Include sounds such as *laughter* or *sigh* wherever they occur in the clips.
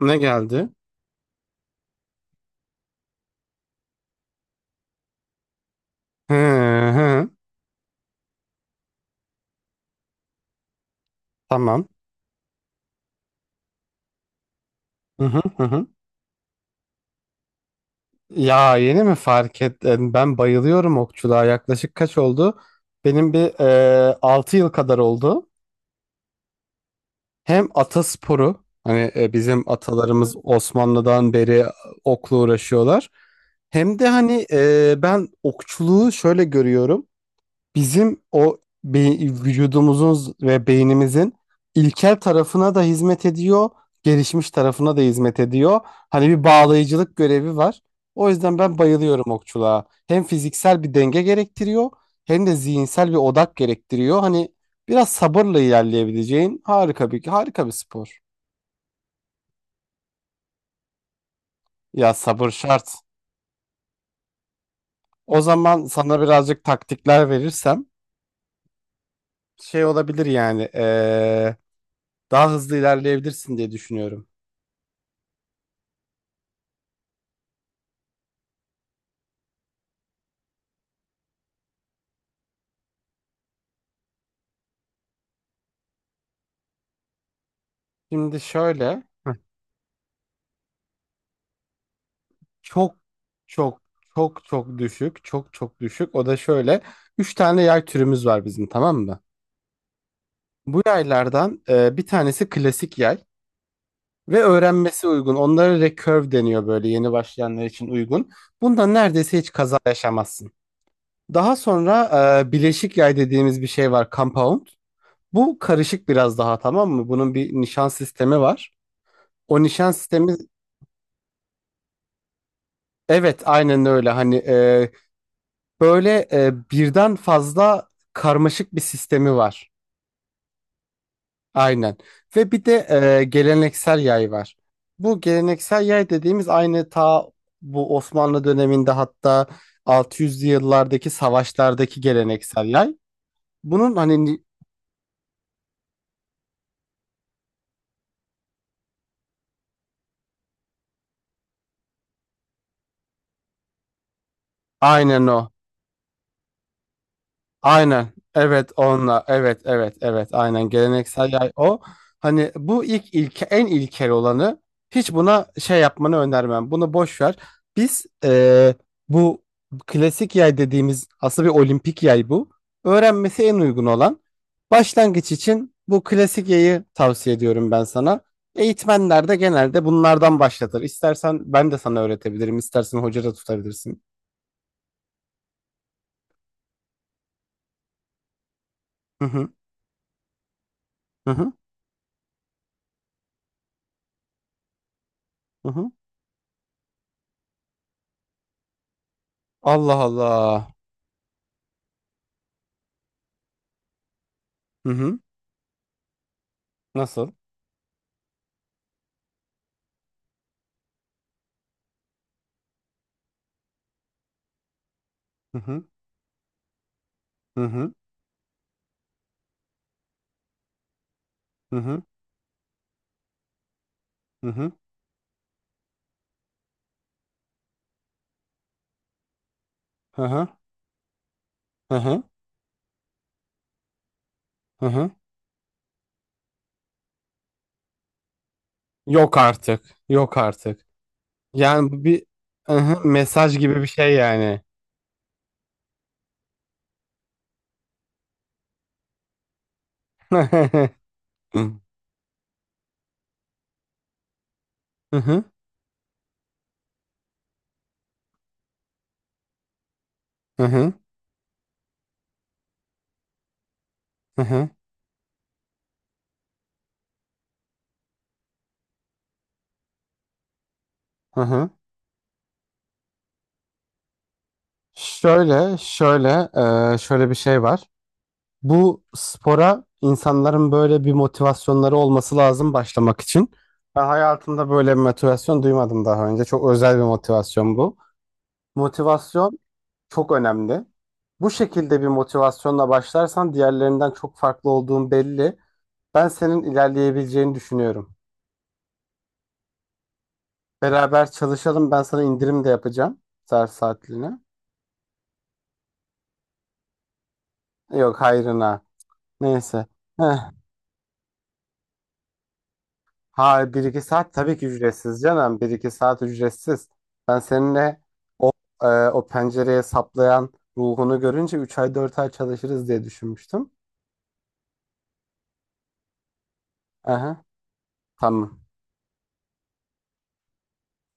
Ne geldi? Hı hı. Tamam. Hı hı hı hı. Ya yeni mi fark ettin? Ben bayılıyorum okçuluğa. Yaklaşık kaç oldu? Benim bir 6 yıl kadar oldu. Hem atasporu, hani, bizim atalarımız Osmanlı'dan beri okla uğraşıyorlar. Hem de hani, ben okçuluğu şöyle görüyorum. Bizim o be- vücudumuzun ve beynimizin ilkel tarafına da hizmet ediyor, gelişmiş tarafına da hizmet ediyor. Hani bir bağlayıcılık görevi var. O yüzden ben bayılıyorum okçuluğa. Hem fiziksel bir denge gerektiriyor, hem de zihinsel bir odak gerektiriyor. Hani biraz sabırla ilerleyebileceğin harika bir spor. Ya sabır şart. O zaman sana birazcık taktikler verirsem şey olabilir yani, daha hızlı ilerleyebilirsin diye düşünüyorum. Şimdi şöyle. Çok çok çok çok düşük çok çok düşük. O da şöyle, üç tane yay türümüz var bizim, tamam mı? Bu yaylardan bir tanesi klasik yay ve öğrenmesi uygun, onlara recurve deniyor, böyle yeni başlayanlar için uygun. Bundan neredeyse hiç kaza yaşamazsın. Daha sonra bileşik yay dediğimiz bir şey var, compound. Bu karışık biraz daha, tamam mı? Bunun bir nişan sistemi var. O nişan sistemi, evet aynen öyle, hani, böyle, birden fazla karmaşık bir sistemi var. Aynen. Ve bir de geleneksel yay var. Bu geleneksel yay dediğimiz aynı, bu Osmanlı döneminde, hatta 600'lü yıllardaki savaşlardaki geleneksel yay. Bunun hani, aynen o. Aynen. Evet onunla. Evet evet evet, aynen geleneksel yay o. Hani bu ilk ilke en ilkel olanı, hiç buna şey yapmanı önermem. Bunu boş ver. Biz, bu klasik yay dediğimiz aslında bir olimpik yay bu. Öğrenmesi en uygun olan. Başlangıç için bu klasik yayı tavsiye ediyorum ben sana. Eğitmenler de genelde bunlardan başlatır. İstersen ben de sana öğretebilirim. İstersen hoca da tutabilirsin. Hı hı hı hı. Hı hı. Allah Allah. Hı hı. Nasıl? Hı hı. Hı hı. Hı hı. Hı hı. Hı hı. Hı hı. Hı hı. Yok artık. Yok artık. Yani bu bir, hı hı, mesaj gibi bir şey yani. *laughs* Hı hı. Hı hı. Hı hı. Hı hı. Şöyle bir şey var. Bu spora insanların böyle bir motivasyonları olması lazım başlamak için. Ben hayatımda böyle bir motivasyon duymadım daha önce. Çok özel bir motivasyon bu. Motivasyon çok önemli. Bu şekilde bir motivasyonla başlarsan diğerlerinden çok farklı olduğun belli. Ben senin ilerleyebileceğini düşünüyorum. Beraber çalışalım. Ben sana indirim de yapacağım. Ders saatliğine. Yok hayrına. Neyse. Heh. Ha, bir iki saat tabii ki ücretsiz canım. Bir iki saat ücretsiz. Ben seninle, o, o pencereye saplayan ruhunu görünce 3 ay 4 ay çalışırız diye düşünmüştüm. Aha, tamam.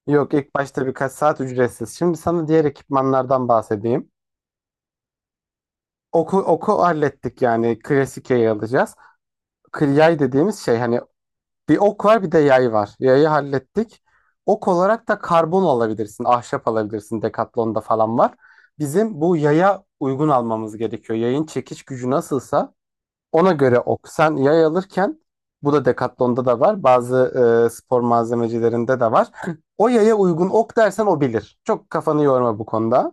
Yok, ilk başta birkaç saat ücretsiz. Şimdi sana diğer ekipmanlardan bahsedeyim. Oku, oku hallettik yani, klasik yayı alacağız. Yay dediğimiz şey hani, bir ok var bir de yay var. Yayı hallettik. Ok olarak da karbon alabilirsin, ahşap alabilirsin. Decathlon'da falan var. Bizim bu yaya uygun almamız gerekiyor. Yayın çekiş gücü nasılsa ona göre ok. Sen yay alırken bu da Decathlon'da da var. Bazı spor malzemecilerinde de var. O yaya uygun ok dersen o bilir. Çok kafanı yorma bu konuda.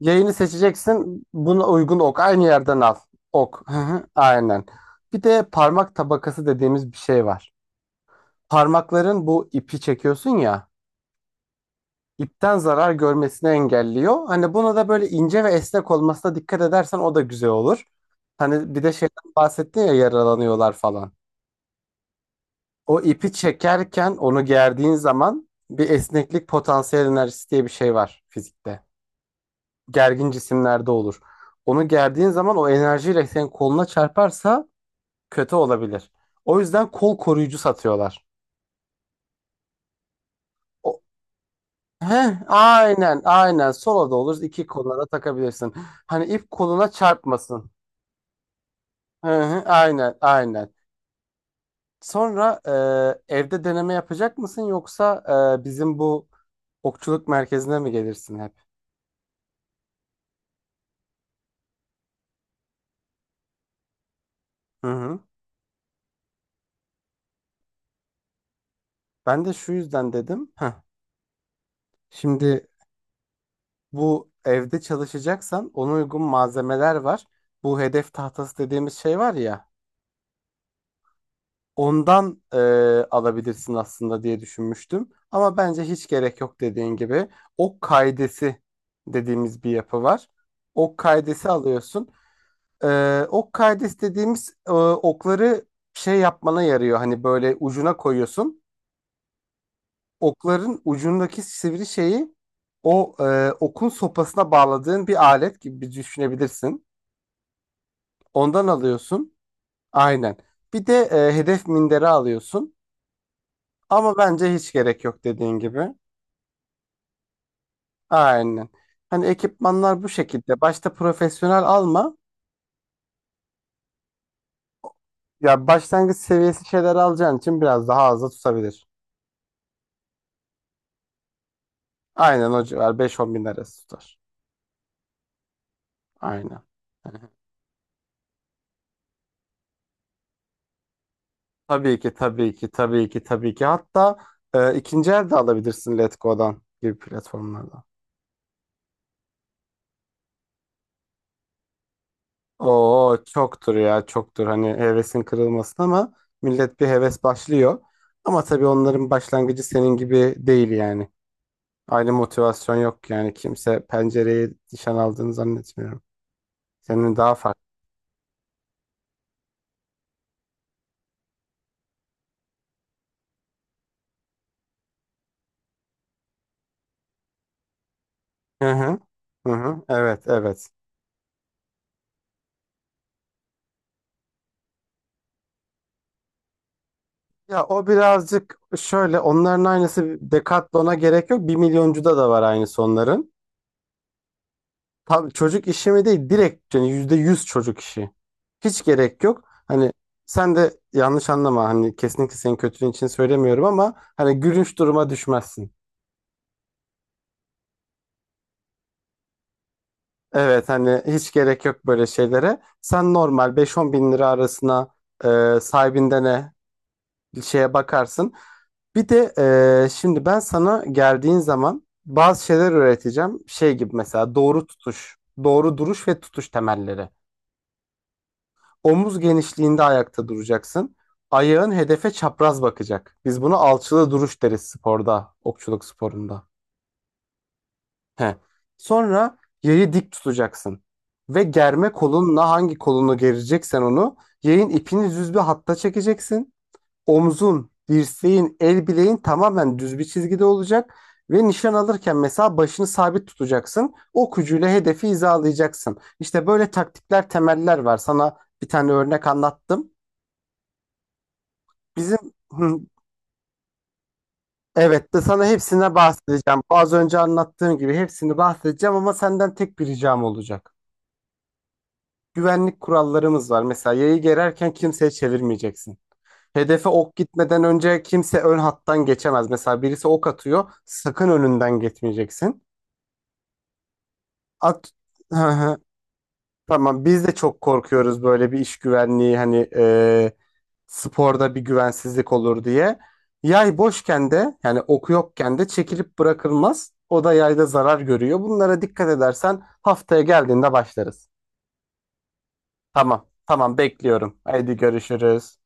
Yayını seçeceksin. Buna uygun ok. Aynı yerden al. Ok. Hı hı, aynen. Bir de parmak tabakası dediğimiz bir şey var. Parmakların bu ipi çekiyorsun ya. İpten zarar görmesini engelliyor. Hani buna da böyle ince ve esnek olmasına dikkat edersen o da güzel olur. Hani bir de şeyden bahsettin ya, yaralanıyorlar falan. O ipi çekerken onu gerdiğin zaman bir esneklik potansiyel enerjisi diye bir şey var fizikte. Gergin cisimlerde olur. Onu gerdiğin zaman o enerjiyle senin koluna çarparsa kötü olabilir. O yüzden kol koruyucu satıyorlar. O, aynen aynen, sola da olur, iki koluna da takabilirsin. Hani ip koluna çarpmasın. Hı hı, aynen aynen. Sonra, evde deneme yapacak mısın yoksa, bizim bu okçuluk merkezine mi gelirsin hep? Hı hı. Ben de şu yüzden dedim. Şimdi, bu evde çalışacaksan ona uygun malzemeler var. Bu hedef tahtası dediğimiz şey var ya. Ondan alabilirsin aslında diye düşünmüştüm. Ama bence hiç gerek yok dediğin gibi. Ok kaidesi dediğimiz bir yapı var. Ok kaidesi alıyorsun. Ok kaidesi dediğimiz, okları şey yapmana yarıyor. Hani böyle ucuna koyuyorsun. Okların ucundaki sivri şeyi, o, okun sopasına bağladığın bir alet gibi bir düşünebilirsin. Ondan alıyorsun. Aynen. Bir de hedef minderi alıyorsun. Ama bence hiç gerek yok dediğin gibi. Aynen. Hani ekipmanlar bu şekilde. Başta profesyonel alma. Ya başlangıç seviyesi şeyler alacağın için biraz daha az da tutabilir. Aynen, o civar, 5-10 bin arası tutar. Aynen. Hani, tabii ki, tabii ki, tabii ki, tabii ki. Hatta ikinci el de alabilirsin, Letgo'dan gibi platformlardan. Oo çoktur ya, çoktur. Hani hevesin kırılmasın, ama millet bir heves başlıyor. Ama tabii onların başlangıcı senin gibi değil yani. Aynı motivasyon yok yani. Kimse pencereye nişan aldığını zannetmiyorum. Senin daha farklı. Hı hı. Hı hı. Evet, evet. Ya, o birazcık şöyle, onların aynısı, Decathlon'a gerek yok. Bir milyoncuda da var aynısı onların. Tam çocuk işi mi değil, direkt yani %100 çocuk işi. Hiç gerek yok. Hani sen de yanlış anlama, hani kesinlikle senin kötülüğün için söylemiyorum, ama hani gülünç duruma düşmezsin. Evet, hani hiç gerek yok böyle şeylere. Sen normal 5-10 bin lira arasına, sahibinden ne, bir şeye bakarsın. Bir de, şimdi ben sana geldiğin zaman bazı şeyler öğreteceğim. Şey gibi mesela, doğru tutuş, doğru duruş ve tutuş temelleri. Omuz genişliğinde ayakta duracaksın. Ayağın hedefe çapraz bakacak. Biz buna alçılı duruş deriz sporda, okçuluk sporunda. He. Sonra yayı dik tutacaksın. Ve germe kolunla hangi kolunu gereceksen onu, yayın ipini düz bir hatta çekeceksin. Omzun, dirseğin, el bileğin tamamen düz bir çizgide olacak. Ve nişan alırken mesela başını sabit tutacaksın. Ok ucuyla hedefi hizalayacaksın. İşte böyle taktikler, temeller var. Sana bir tane örnek anlattım. Bizim, hı, evet, de sana hepsine bahsedeceğim. Az önce anlattığım gibi hepsini bahsedeceğim, ama senden tek bir ricam olacak. Güvenlik kurallarımız var. Mesela yayı gererken kimseye çevirmeyeceksin. Hedefe ok gitmeden önce kimse ön hattan geçemez. Mesela birisi ok atıyor, sakın önünden geçmeyeceksin. At. *laughs* Tamam, biz de çok korkuyoruz, böyle bir iş güvenliği hani, sporda bir güvensizlik olur diye. Yay boşken de, yani oku yokken de çekilip bırakılmaz. O da yayda zarar görüyor. Bunlara dikkat edersen haftaya geldiğinde başlarız. Tamam, tamam, bekliyorum. Haydi görüşürüz.